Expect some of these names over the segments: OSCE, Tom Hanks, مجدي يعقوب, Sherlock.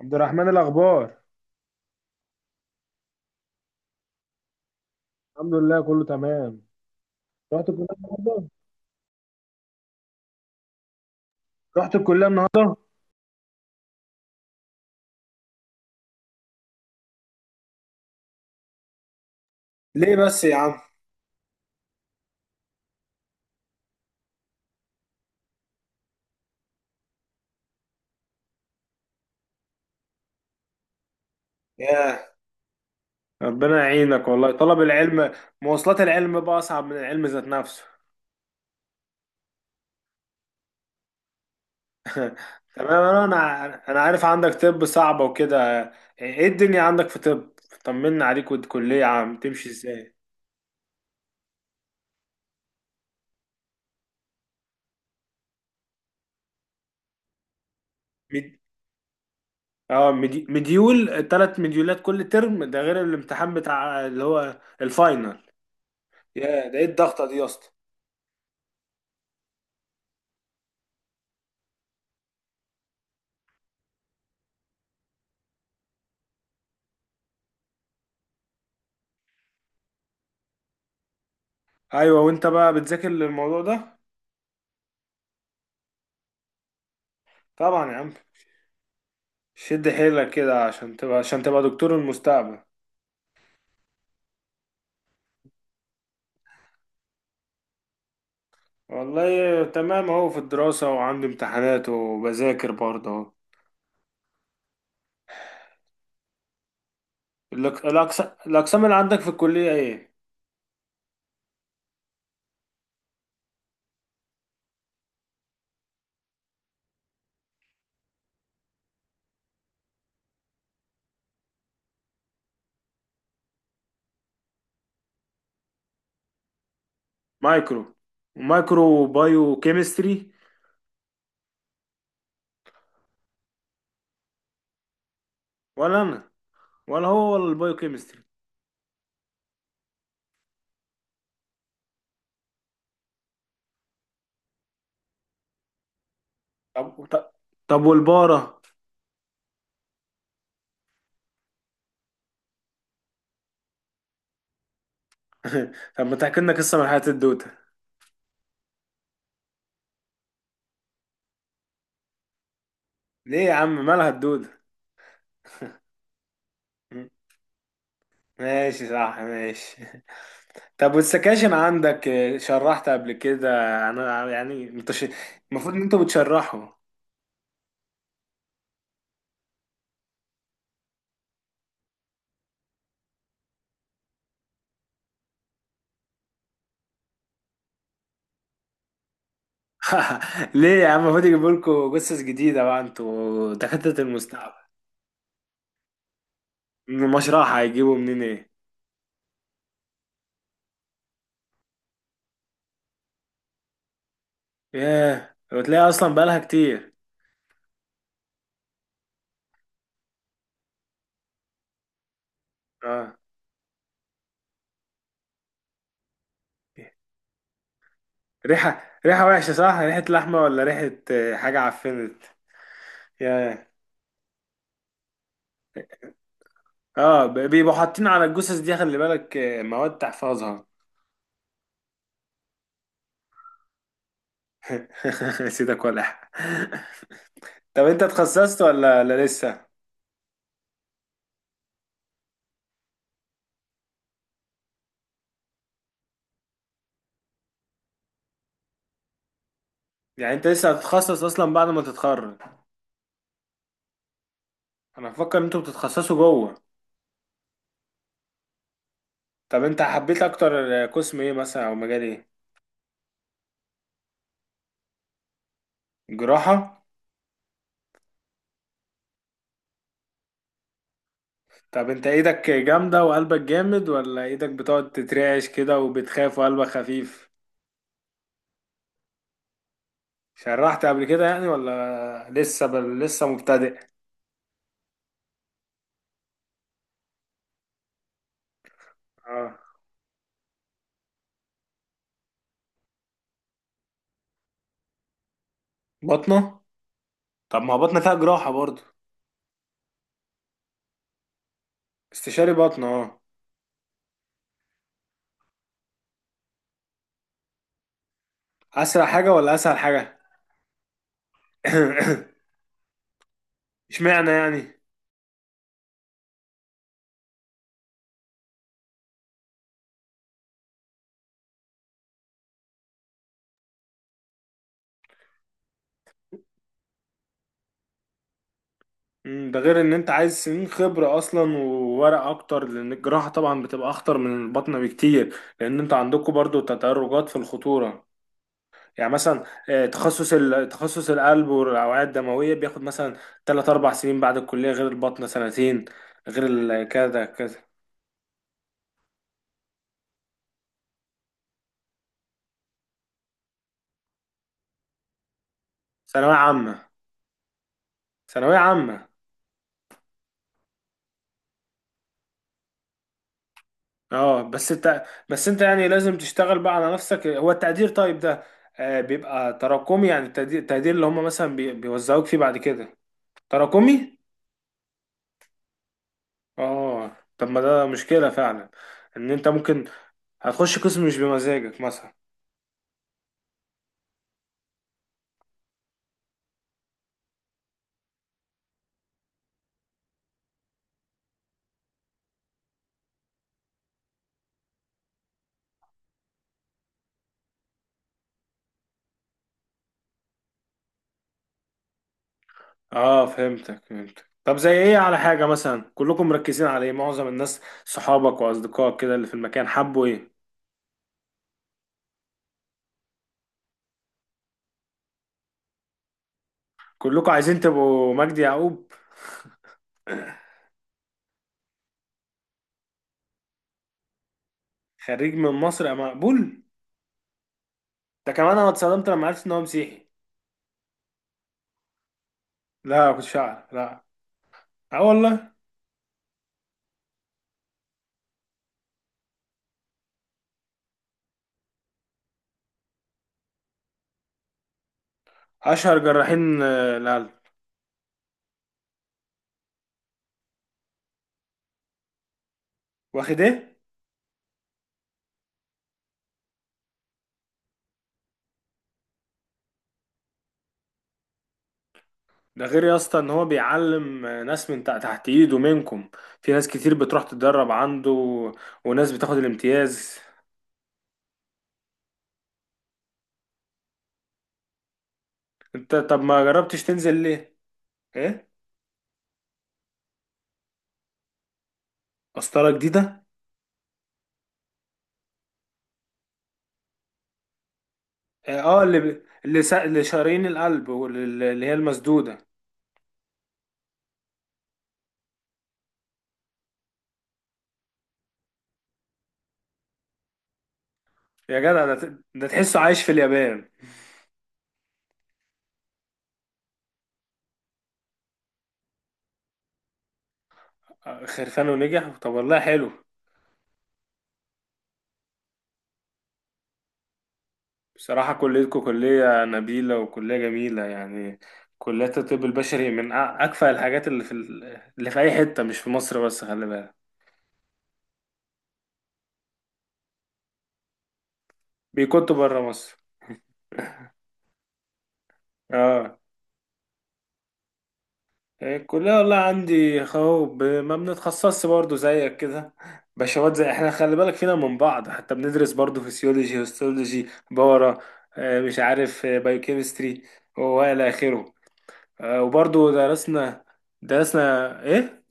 عبد الرحمن الاخبار. الحمد لله كله تمام. رحت الكليه النهارده. رحت الكليه النهارده. ليه بس يا عم؟ ياه. ربنا يعينك والله، طلب العلم. مواصلات العلم بقى اصعب من العلم ذات نفسه. تمام، انا عارف عندك طب صعبه وكده. ايه الدنيا عندك في طب؟ طمنا عليك، والكليه عم تمشي ازاي؟ مد... مديول، ثلاث مديولات كل ترم، ده غير الامتحان بتاع اللي هو الفاينل. يا ده ايه الضغطه دي يا اسطى؟ ايوه، وانت بقى بتذاكر للموضوع ده؟ طبعا يا عم. شد حيلك كده عشان تبقى دكتور المستقبل. والله تمام اهو، في الدراسة وعندي امتحانات وبذاكر برضه اهو. الأقسام اللي عندك في الكلية ايه؟ مايكرو. مايكرو بايو كيمستري. ولا أنا، ولا هو ولا البايو كيمستري. طب. طب والبارة. طب ما تحكي لنا قصة من حياة الدودة. ليه يا عم، مالها الدودة؟ ماشي، صح، ماشي. طب والسكاشن عندك، شرحت قبل كده؟ انا يعني المفروض ان انتوا بتشرحوا. ليه يا عم؟ المفروض يجيبوا لكم جثث جديدة بقى، انتوا دكاترة المستقبل. من المشرحة هيجيبوا منين ايه. ياه، وتلاقي اصلا بقالها كتير. اه، ريحة؟ ريحة وحشة؟ صح، ريحة لحمة ولا ريحة حاجة عفنت؟ ياه. اه، بيبقوا حاطين على الجثث دي، خلي بالك، مواد تحفظها. سيدك ولع. طب انت اتخصصت ولا لسه؟ يعني انت لسه هتتخصص اصلا بعد ما تتخرج؟ انا بفكر ان انتوا بتتخصصوا جوه. طب انت حبيت اكتر قسم ايه مثلا، او مجال ايه؟ جراحة. طب انت ايدك جامدة وقلبك جامد، ولا ايدك بتقعد تترعش كده وبتخاف وقلبك خفيف؟ شرحت قبل كده يعني، ولا لسه لسه مبتدئ؟ اه. بطنة. طب ما هو بطنة فيها جراحة برضو. استشاري بطنة، اه. اسرع حاجة ولا اسهل حاجة؟ اشمعنى يعني؟ ده غير ان انت عايز سنين خبرة اصلا وورق اكتر، لان الجراحة طبعا بتبقى اخطر من البطنة بكتير، لان انت عندكم برضو تدرجات في الخطورة. يعني مثلا، تخصص تخصص القلب والاوعية الدموية بياخد مثلا 3 4 سنين بعد الكلية، غير البطنة سنتين. غير كذا كذا. ثانوية عامة. ثانوية عامة. اه، بس انت يعني لازم تشتغل بقى على نفسك. هو التقدير طيب ده بيبقى تراكمي، يعني التقدير، اللي هم مثلا بيوزعوك فيه بعد كده. تراكمي. اه، طب ما ده مشكلة فعلا، ان انت ممكن هتخش قسم مش بمزاجك مثلا. اه، فهمتك. طب زي ايه؟ على حاجة مثلا؟ كلكم مركزين على ايه؟ معظم الناس، صحابك واصدقائك كده اللي في المكان، حبوا ايه؟ كلكم عايزين تبقوا مجدي يعقوب. خريج من مصر يا مقبول. ده كمان انا اتصدمت لما عرفت ان هو مسيحي. لا، كنت شعر، لا. اه والله. اشهر جراحين، القلب. واخد ايه؟ ده غير يا اسطى ان هو بيعلم ناس من تحت ايده منكم، في ناس كتير بتروح تتدرب عنده، وناس بتاخد الامتياز. انت طب ما جربتش تنزل ليه؟ ايه؟ قسطرة جديدة؟ إيه، اه اللي شارين القلب، واللي هي المسدودة. يا جدع، ده تحسه عايش في اليابان. خرفان نجح؟ طب والله حلو. بصراحة كليتكم كلية نبيلة وكلية جميلة يعني. كليات الطب البشري من أكفأ الحاجات اللي في اللي في أي حتة، مش في مصر بس، خلي بالك. بيكونوا بره مصر. اه. الكلية والله عندي اهو، ما بنتخصصش برضه زيك كده. بشوات زي احنا، خلي بالك فينا من بعض. حتى بندرس برضه فيسيولوجي، هيستولوجي، بورا، مش عارف، بايوكيمستري، والى اخره. وبرضه درسنا. درسنا ايه؟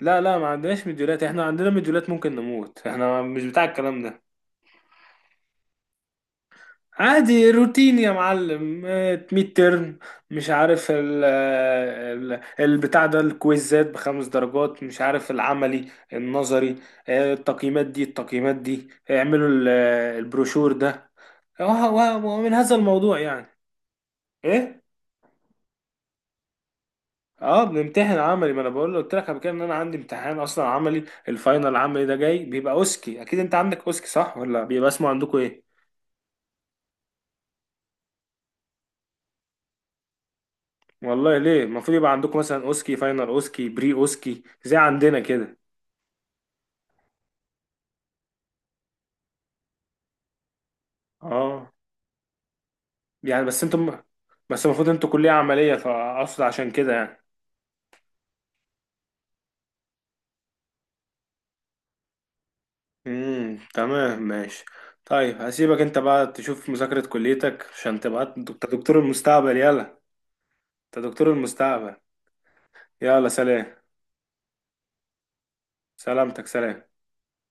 لا لا، ما عندناش مديولات. احنا عندنا مديولات ممكن نموت، احنا مش بتاع الكلام ده. عادي روتين يا معلم، ميد ترم، مش عارف البتاع ده، الكويزات بخمس درجات، مش عارف العملي النظري، التقييمات دي، اعملوا البروشور ده، ومن هذا الموضوع يعني. ايه؟ اه، بنمتحن عملي، ما انا بقول له، قلت لك قبل كده ان انا عندي امتحان اصلا عملي. الفاينل العملي ده جاي بيبقى اوسكي. اكيد انت عندك اوسكي صح، ولا بيبقى اسمه عندكم ايه؟ والله ليه؟ المفروض يبقى عندكم مثلا اوسكي فاينل، اوسكي بري اوسكي، زي عندنا كده. اه. يعني بس انتم، المفروض انتوا كلية عملية، فاقصد عشان كده يعني. امم، تمام، ماشي. طيب هسيبك انت بقى تشوف مذاكرة كليتك عشان تبقى انت دكتور المستقبل، يلا. انت دكتور المستقبل. يلا سلام. سلامتك، سلام.